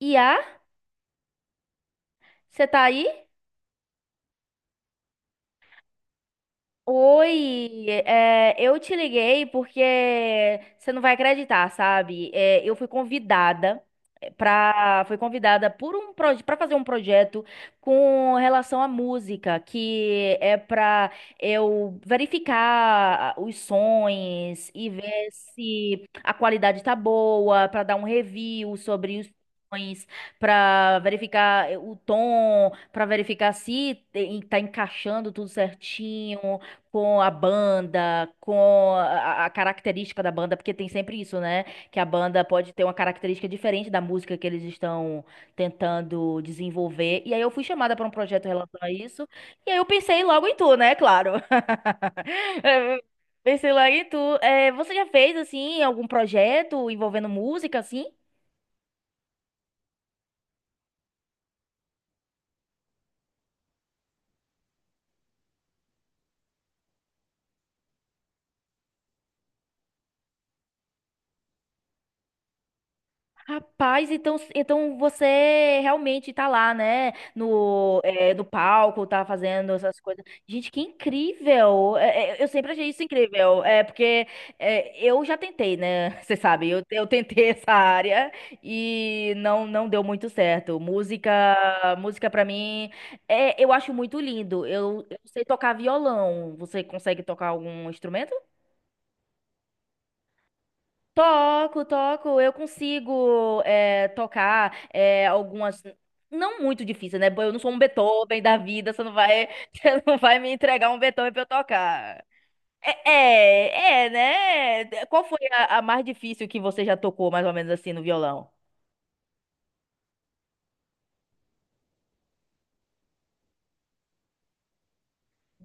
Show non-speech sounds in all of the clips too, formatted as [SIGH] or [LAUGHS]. Iá, você tá aí? Oi, eu te liguei porque você não vai acreditar, sabe? Eu fui convidada para, fui convidada por um para fazer um projeto com relação à música, que é para eu verificar os sons e ver se a qualidade tá boa, para dar um review sobre os sons, para verificar o tom, para verificar se tá encaixando tudo certinho com a banda, com a característica da banda, porque tem sempre isso, né? Que a banda pode ter uma característica diferente da música que eles estão tentando desenvolver. E aí eu fui chamada para um projeto em relação a isso, e aí eu pensei logo em tu, né? Claro. [LAUGHS] Eh, Pensei logo em tu. Você já fez, assim, algum projeto envolvendo música, assim? Rapaz, então, você realmente tá lá, né? No, é, no palco, tá fazendo essas coisas. Gente, que incrível! Eu sempre achei isso incrível. É porque é, eu já tentei, né? [LAUGHS] Você sabe, eu tentei essa área e não, não deu muito certo. Música para mim, é, eu acho muito lindo. Eu sei tocar violão. Você consegue tocar algum instrumento? Toco, eu consigo tocar algumas. Não muito difícil, né? Eu não sou um Beethoven da vida, você não vai, [LAUGHS] você não vai me entregar um Beethoven pra eu tocar. É, é, é, né? Qual foi a mais difícil que você já tocou, mais ou menos assim, no violão?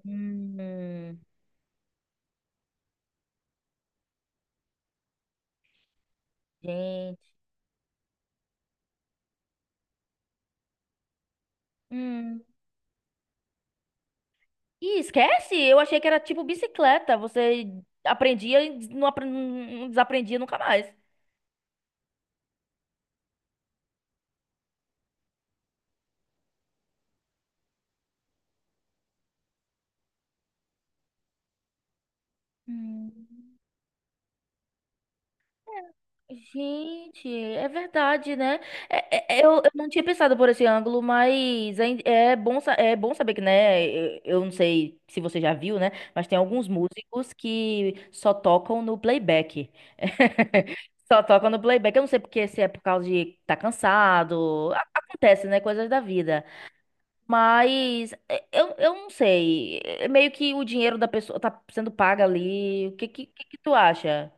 Hum, gente. Hum. Ih, esquece! Eu achei que era tipo bicicleta. Você aprendia e não, não desaprendia nunca mais. Hum. Gente, é verdade, né? É, eu não tinha pensado por esse ângulo, mas é, é bom, é bom saber que, né? Eu não sei se você já viu, né? Mas tem alguns músicos que só tocam no playback. [LAUGHS] Só tocam no playback. Eu não sei porque se é por causa de tá cansado. Acontece, né? Coisas da vida. Mas é, eu não sei. É meio que o dinheiro da pessoa tá sendo paga ali. O que tu acha?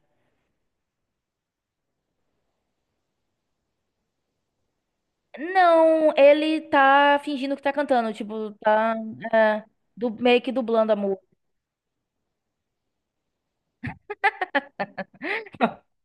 Não, ele tá fingindo que tá cantando, tipo, tá é, meio que dublando a música. [LAUGHS]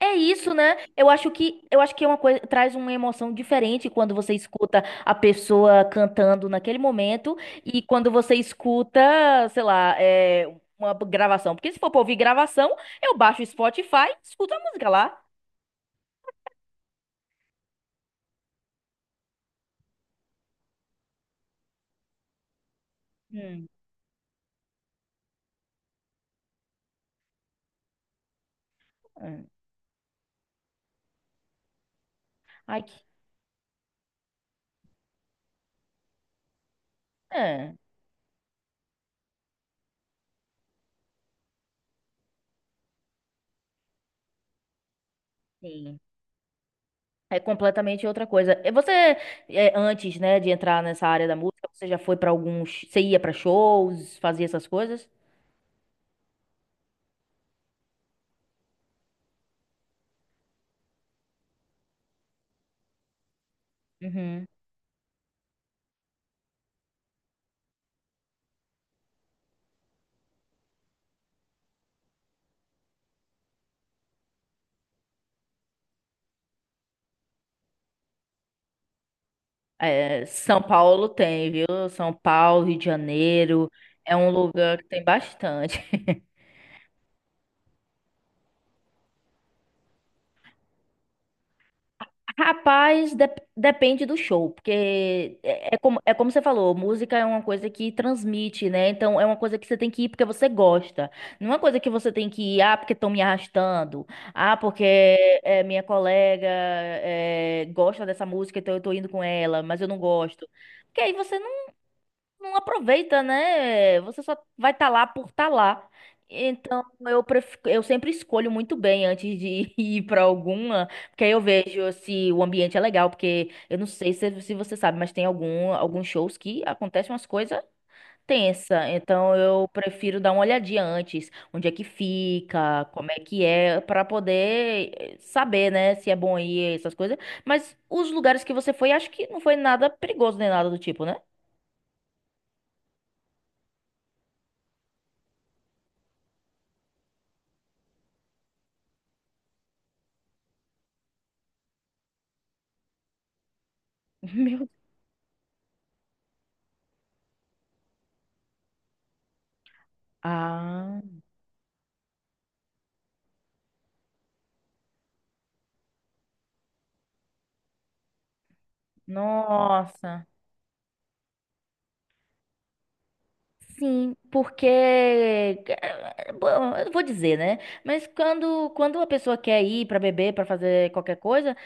É isso, né? Eu acho que é uma coisa traz uma emoção diferente quando você escuta a pessoa cantando naquele momento e quando você escuta, sei lá, é, uma gravação. Porque se for pra ouvir gravação, eu baixo o Spotify e escuto a música lá. Hum, hum. Ai, que... É, sim. É completamente outra coisa. E Você, é, antes, né, de entrar nessa área da música, você já foi pra alguns, você ia pra shows, fazia essas coisas? Uhum. É, São Paulo tem, viu? São Paulo, Rio de Janeiro, é um lugar que tem bastante. Rapaz, depende do show, porque é, é como você falou, música é uma coisa que transmite, né? Então é uma coisa que você tem que ir porque você gosta. Não é uma coisa que você tem que ir, ah, porque estão me arrastando, ah, porque é, minha colega é, gosta dessa música, então eu tô indo com ela, mas eu não gosto. Porque aí você não aproveita, né? Você só vai estar lá por estar lá. Então, eu, pref... eu sempre escolho muito bem antes de [LAUGHS] ir para alguma, porque aí eu vejo se o ambiente é legal, porque eu não sei se, se você sabe, mas tem alguns shows que acontecem umas coisas tensa. Então, eu prefiro dar uma olhadinha antes, onde é que fica, como é que é, para poder saber, né, se é bom ir, essas coisas. Mas os lugares que você foi, acho que não foi nada perigoso nem nada do tipo, né? [LAUGHS] Meu Ah, nossa. Sim, porque bom, eu vou dizer, né? Mas quando a pessoa quer ir para beber, para fazer qualquer coisa,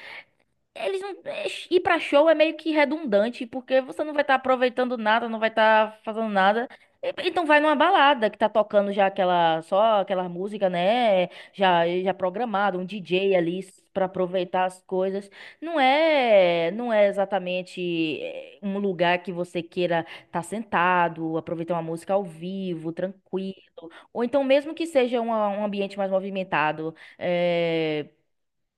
Eles não. é, Ir pra show é meio que redundante, porque você não vai estar aproveitando nada, não vai estar fazendo nada. Então vai numa balada que tá tocando já aquela, só aquela música, né? Já programada, um DJ ali pra aproveitar as coisas. Não é, não é exatamente é, um lugar que você queira estar sentado, aproveitar uma música ao vivo, tranquilo. Ou então mesmo que seja um ambiente mais movimentado.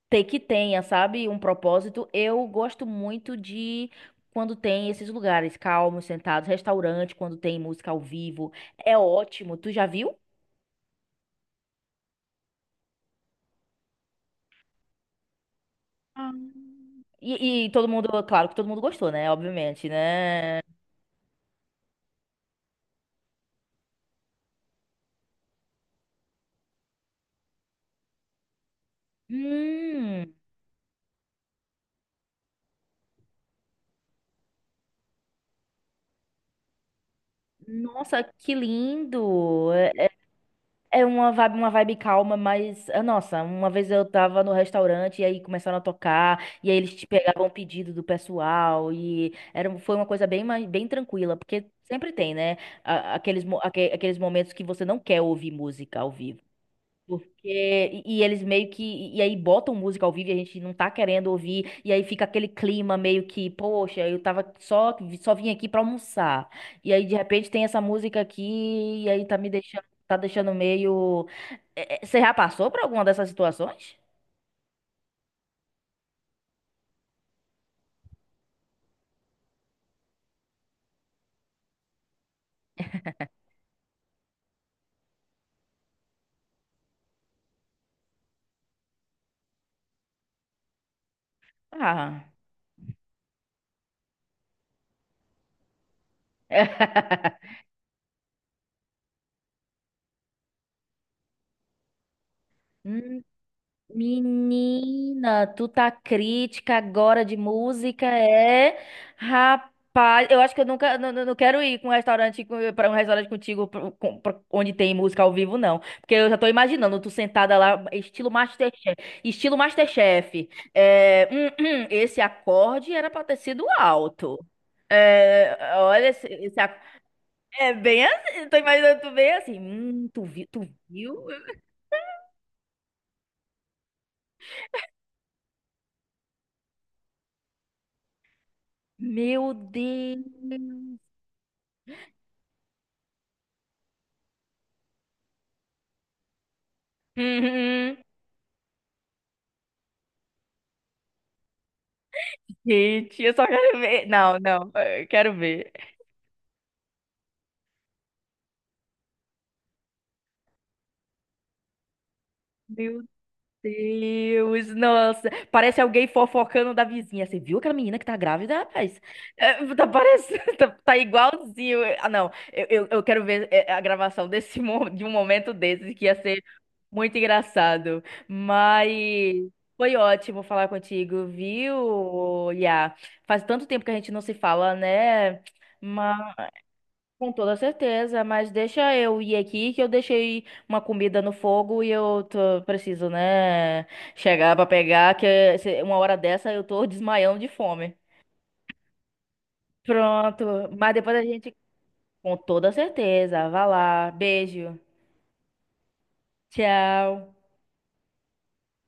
Ter que tenha, sabe, um propósito. Eu gosto muito de quando tem esses lugares calmos, sentados, restaurante, quando tem música ao vivo. É ótimo. Tu já viu? Ah. E todo mundo, claro que todo mundo gostou, né? Obviamente, né? Hum, nossa, que lindo! É uma vibe calma, mas, ah, nossa, uma vez eu tava no restaurante e aí começaram a tocar, e aí eles te pegavam o pedido do pessoal, e era, foi uma coisa bem, bem tranquila, porque sempre tem, né? Aqueles, aqueles momentos que você não quer ouvir música ao vivo. Porque, e eles meio que, e aí botam música ao vivo e a gente não tá querendo ouvir, e aí fica aquele clima meio que, poxa, eu tava só, só vim aqui pra almoçar, e aí de repente tem essa música aqui, e aí tá me deixando, tá deixando meio... Você já passou por alguma dessas situações? Ah... [LAUGHS] Menina, tu tá crítica agora de música, é? Rapaz, eu acho que eu nunca, não, não quero ir com um restaurante para um restaurante contigo pro- onde tem música ao vivo, não. Porque eu já tô imaginando tu sentada lá, estilo Masterchef, estilo Masterchef. É, esse acorde era pra ter sido alto. É, olha, esse é bem assim, tô imaginando tu bem assim, tu viu? Meu Deus. Uhum. Gente, eu só quero ver. Não, não, eu quero ver. Meu Deus, nossa. Parece alguém fofocando da vizinha. Você viu aquela menina que tá grávida, rapaz? É, tá parecendo, [LAUGHS] tá, tá igualzinho. Ah, não, eu quero ver é, a gravação desse, de um momento desses, que ia ser muito engraçado. Mas foi ótimo falar contigo, viu, Iá? Faz tanto tempo que a gente não se fala, né? Com toda certeza, mas deixa eu ir aqui que eu deixei uma comida no fogo e eu preciso, né, chegar pra pegar, que uma hora dessa eu tô [LAUGHS] desmaiando de fome. Pronto, mas depois a gente, com toda certeza, vai lá, beijo, tchau.